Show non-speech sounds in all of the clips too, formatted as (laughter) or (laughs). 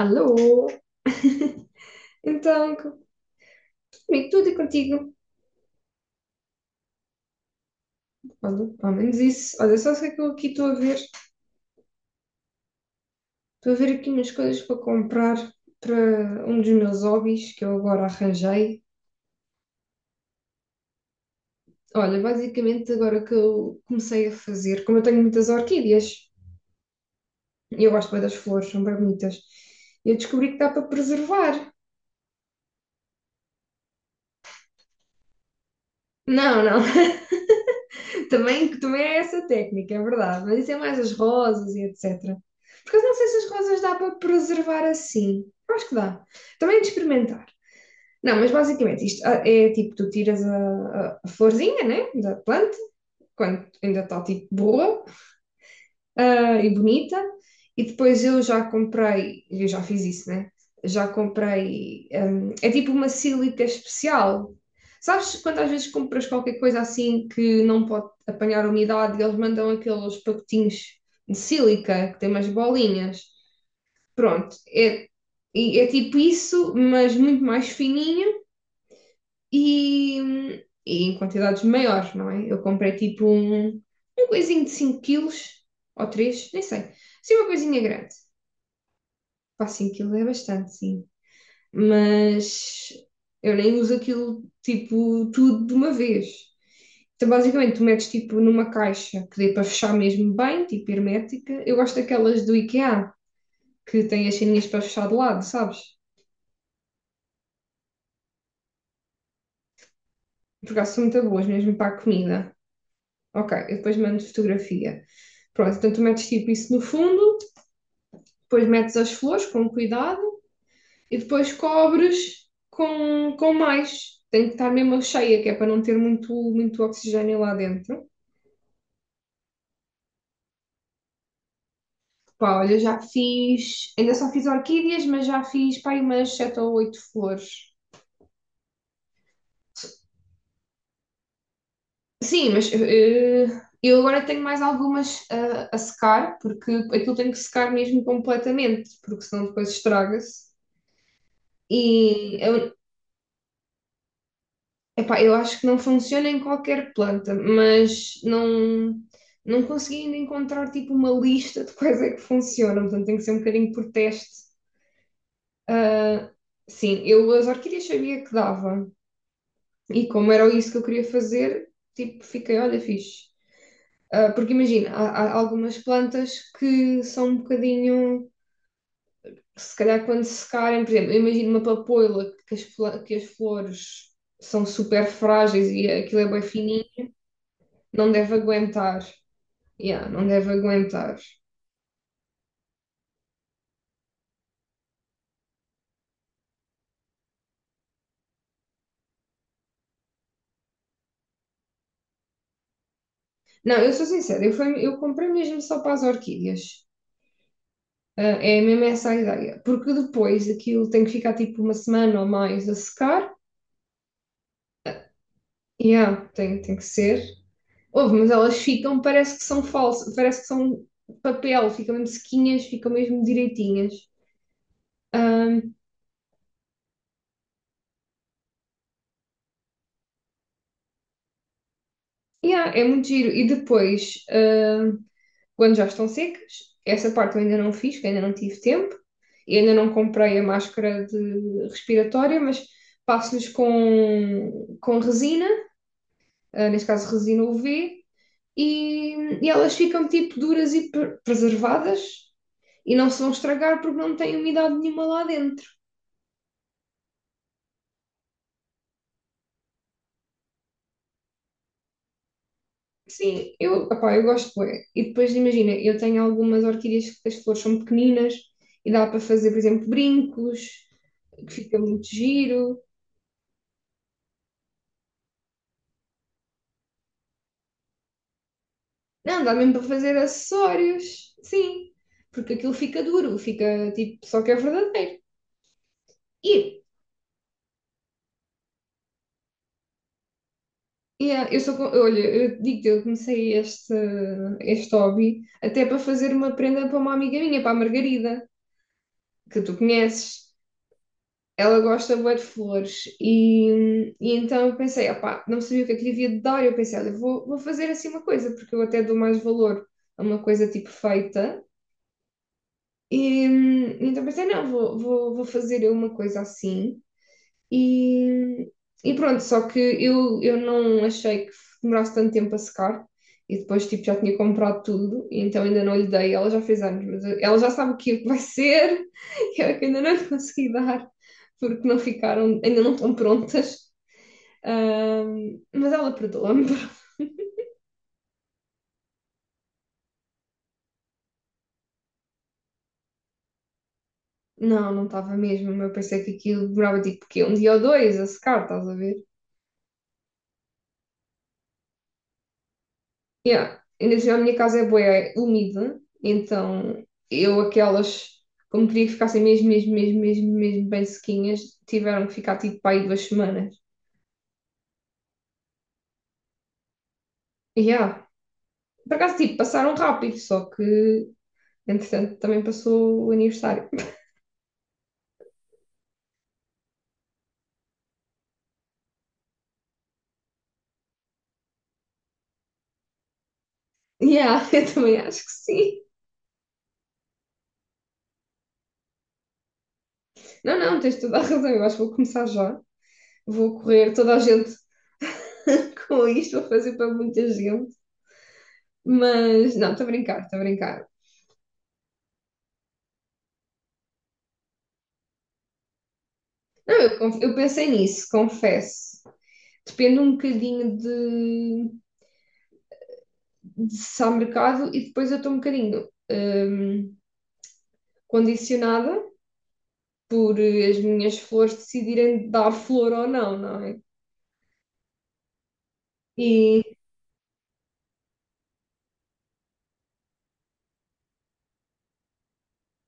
Alô? Então, comigo tudo e contigo. Olha, pelo menos isso. Olha, só sei que eu aqui estou a ver. Estou a ver aqui umas coisas para comprar para um dos meus hobbies que eu agora arranjei. Olha, basicamente agora que eu comecei a fazer, como eu tenho muitas orquídeas, e eu gosto bem das flores, são bem bonitas, eu descobri que dá para preservar. Não, não. (laughs) Também é essa técnica, é verdade. Mas isso é mais as rosas e etc. Porque eu não sei se as rosas dá para preservar assim. Eu acho que dá. Também é de experimentar. Não, mas basicamente isto é tipo, tu tiras a florzinha, né, da planta, quando ainda está tipo boa, e bonita, e depois eu já comprei, eu já fiz isso, né? Já comprei, é tipo uma sílica especial. Sabes quando às vezes compras qualquer coisa assim que não pode apanhar umidade e eles mandam aqueles pacotinhos de sílica que tem umas bolinhas? Pronto, é, e é tipo isso, mas muito mais fininho e em quantidades maiores, não é? Eu comprei tipo um coisinho de 5 quilos ou 3, nem sei. Sim, uma coisinha grande. Pá, 5 quilos é bastante, sim. Mas eu nem uso aquilo tipo tudo de uma vez. Então, basicamente, tu metes tipo numa caixa que dê para fechar mesmo bem, tipo hermética. Eu gosto daquelas do IKEA que têm as ceninhas para fechar de lado, sabes? Porque elas são muito boas mesmo para a comida. Ok, eu depois mando fotografia. Pronto, então tu metes tipo isso no fundo, depois metes as flores com cuidado e depois cobres com mais. Tem que estar mesmo cheia, que é para não ter muito, muito oxigênio lá dentro. Pá, olha, já fiz, ainda só fiz orquídeas, mas já fiz pá, aí umas sete ou oito flores. Sim, mas eu agora tenho mais algumas a secar, porque aquilo tem que secar mesmo completamente, porque senão depois estraga-se. E a Epá, eu acho que não funciona em qualquer planta, mas não, não consegui ainda encontrar tipo uma lista de quais é que funcionam, portanto tem que ser um bocadinho por teste. Sim, eu as orquídeas sabia que dava, e como era isso que eu queria fazer, tipo, fiquei, olha, fixe. Ah, porque imagina, há algumas plantas que são um bocadinho, se calhar quando secarem, por exemplo, eu imagino uma papoila que que as flores são super frágeis e aquilo é bem fininho, não deve aguentar. Yeah, não deve aguentar. Não, eu sou sincera, eu comprei mesmo só para as orquídeas. Ah, é mesmo essa a ideia. Porque depois aquilo tem que ficar tipo uma semana ou mais a secar. Yeah, tem que ser. Ouve, mas elas ficam, parece que são falsas, parece que são papel, ficam mesmo sequinhas, ficam mesmo direitinhas. Yeah, é muito giro. E depois, quando já estão secas, essa parte eu ainda não fiz, que ainda não tive tempo. Eu ainda não comprei a máscara de respiratória, mas passo-lhes com resina, neste caso resina UV, e elas ficam tipo duras e preservadas e não se vão estragar porque não têm umidade nenhuma lá dentro. Sim, opá, eu gosto bué. E depois imagina, eu tenho algumas orquídeas que as flores são pequeninas e dá para fazer, por exemplo, brincos, que fica muito giro. Não, dá mesmo para fazer acessórios, sim, porque aquilo fica duro, fica tipo, só que é verdadeiro. E yeah, olha, eu digo-te, eu comecei este hobby até para fazer uma prenda para uma amiga minha, para a Margarida, que tu conheces. Ela gosta bué de flores e então eu pensei, opá, não sabia o que é que lhe havia de dar, eu pensei, olha, vou fazer assim uma coisa, porque eu até dou mais valor a uma coisa tipo feita. E, então pensei, não, vou fazer eu uma coisa assim. E, e pronto, só que eu não achei que demorasse tanto tempo a secar. E depois, tipo, já tinha comprado tudo, e então ainda não lhe dei. Ela já fez anos, mas ela já sabe o que vai ser. (laughs) E eu é que ainda não lhe consegui dar, porque não ficaram, ainda não estão prontas. Mas ela perdoa-me. (laughs) Não, não estava mesmo. Eu pensei que aquilo demorava, tipo, quê? Um dia ou dois a secar, estás a ver? Yeah. Ainda assim, a minha casa é bué úmida, então eu aquelas, como queria que ficassem mesmo, mesmo, mesmo, mesmo, mesmo bem sequinhas, tiveram que ficar tipo para aí 2 semanas. Yeah. Por acaso, tipo, passaram rápido, só que entretanto também passou o aniversário. Yeah, (laughs) eu também acho que sim. Não, não, tens toda a razão, eu acho que vou começar já. Vou correr toda a gente (laughs) com isto, vou fazer para muita gente. Mas, não, estou a brincar, estou a brincar. Eu pensei nisso, confesso. Depende um bocadinho de se há mercado e depois eu estou um bocadinho condicionada por as minhas flores decidirem dar flor ou não, não é? E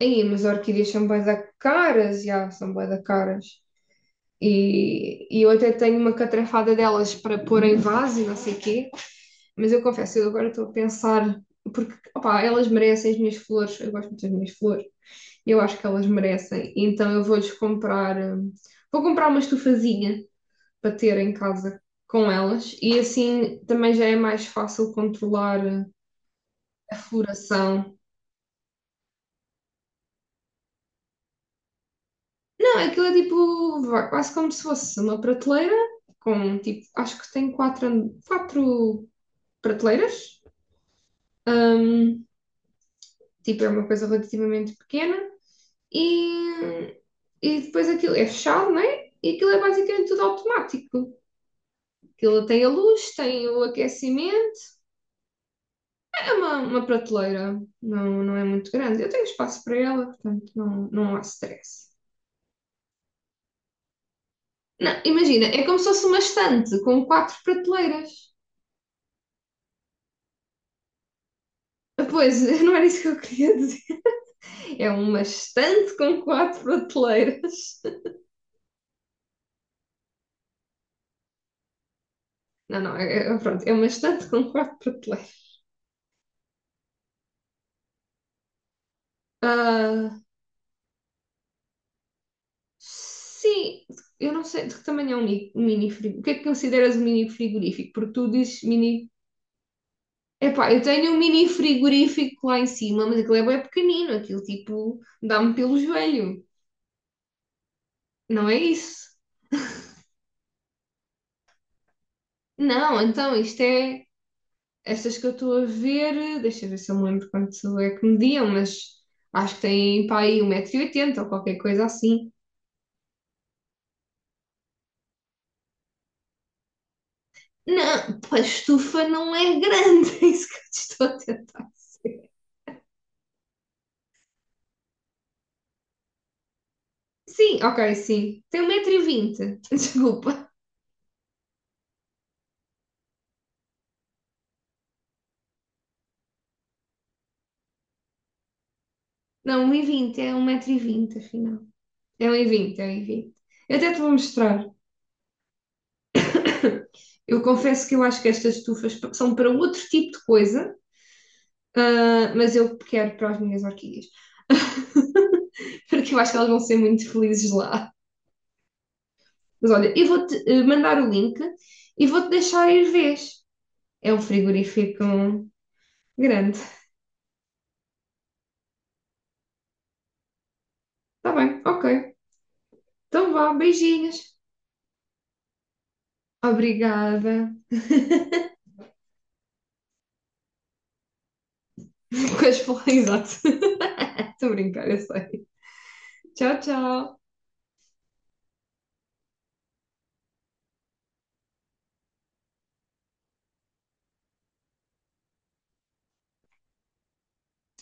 aí, mas orquídeas são bué da caras, já, são bué da caras. E eu até tenho uma catrafada delas para pôr em vaso e não sei quê, mas eu confesso, eu agora estou a pensar, porque opá, elas merecem as minhas flores, eu gosto muito das minhas flores, eu acho que elas merecem. Então eu vou-lhes comprar. Vou comprar uma estufazinha para ter em casa com elas e assim também já é mais fácil controlar a floração. Não, aquilo é tipo vá, quase como se fosse uma prateleira com tipo, acho que tem quatro prateleiras, tipo, é uma coisa relativamente pequena e, e depois aquilo é fechado, né? E aquilo é basicamente tudo automático. Aquilo tem a luz, tem o aquecimento. É uma prateleira, não, não é muito grande. Eu tenho espaço para ela, portanto não, não há stress. Não, imagina, é como se fosse uma estante com quatro prateleiras. Pois, (laughs) não era isso que eu queria dizer. É uma estante com quatro prateleiras. Não, não, pronto, é uma estante com quatro prateleiras. Ah, sim, eu não sei de que tamanho é um mini frigorífico. O que é que consideras um mini frigorífico? Porque tu dizes mini. Epá, eu tenho um mini frigorífico lá em cima, mas aquilo é bem pequenino, aquilo tipo dá-me pelo joelho, não é isso? Não, então estas que eu estou a ver, deixa eu ver se eu me lembro quanto é que mediam, mas acho que tem pá aí 1,80 m ou qualquer coisa assim. Não, pá, a estufa não é grande, (laughs) é isso que eu te estou a tentar dizer. Sim, ok, sim, tem 1,20 m. (laughs) Desculpa. Não, um e vinte é 1,20 m, afinal. É um e vinte, é um e vinte. Eu até te vou mostrar. Eu confesso que eu acho que estas estufas são para outro tipo de coisa, mas eu quero para as minhas orquídeas, (laughs) porque eu acho que elas vão ser muito felizes lá. Mas olha, eu vou-te mandar o link e vou-te deixar ir vês. É um frigorífico grande. Está bem, ok. Então vá, beijinhos. Obrigada. (laughs) Com as flores, exato. Estou a brincar, eu sei. Tchau, tchau.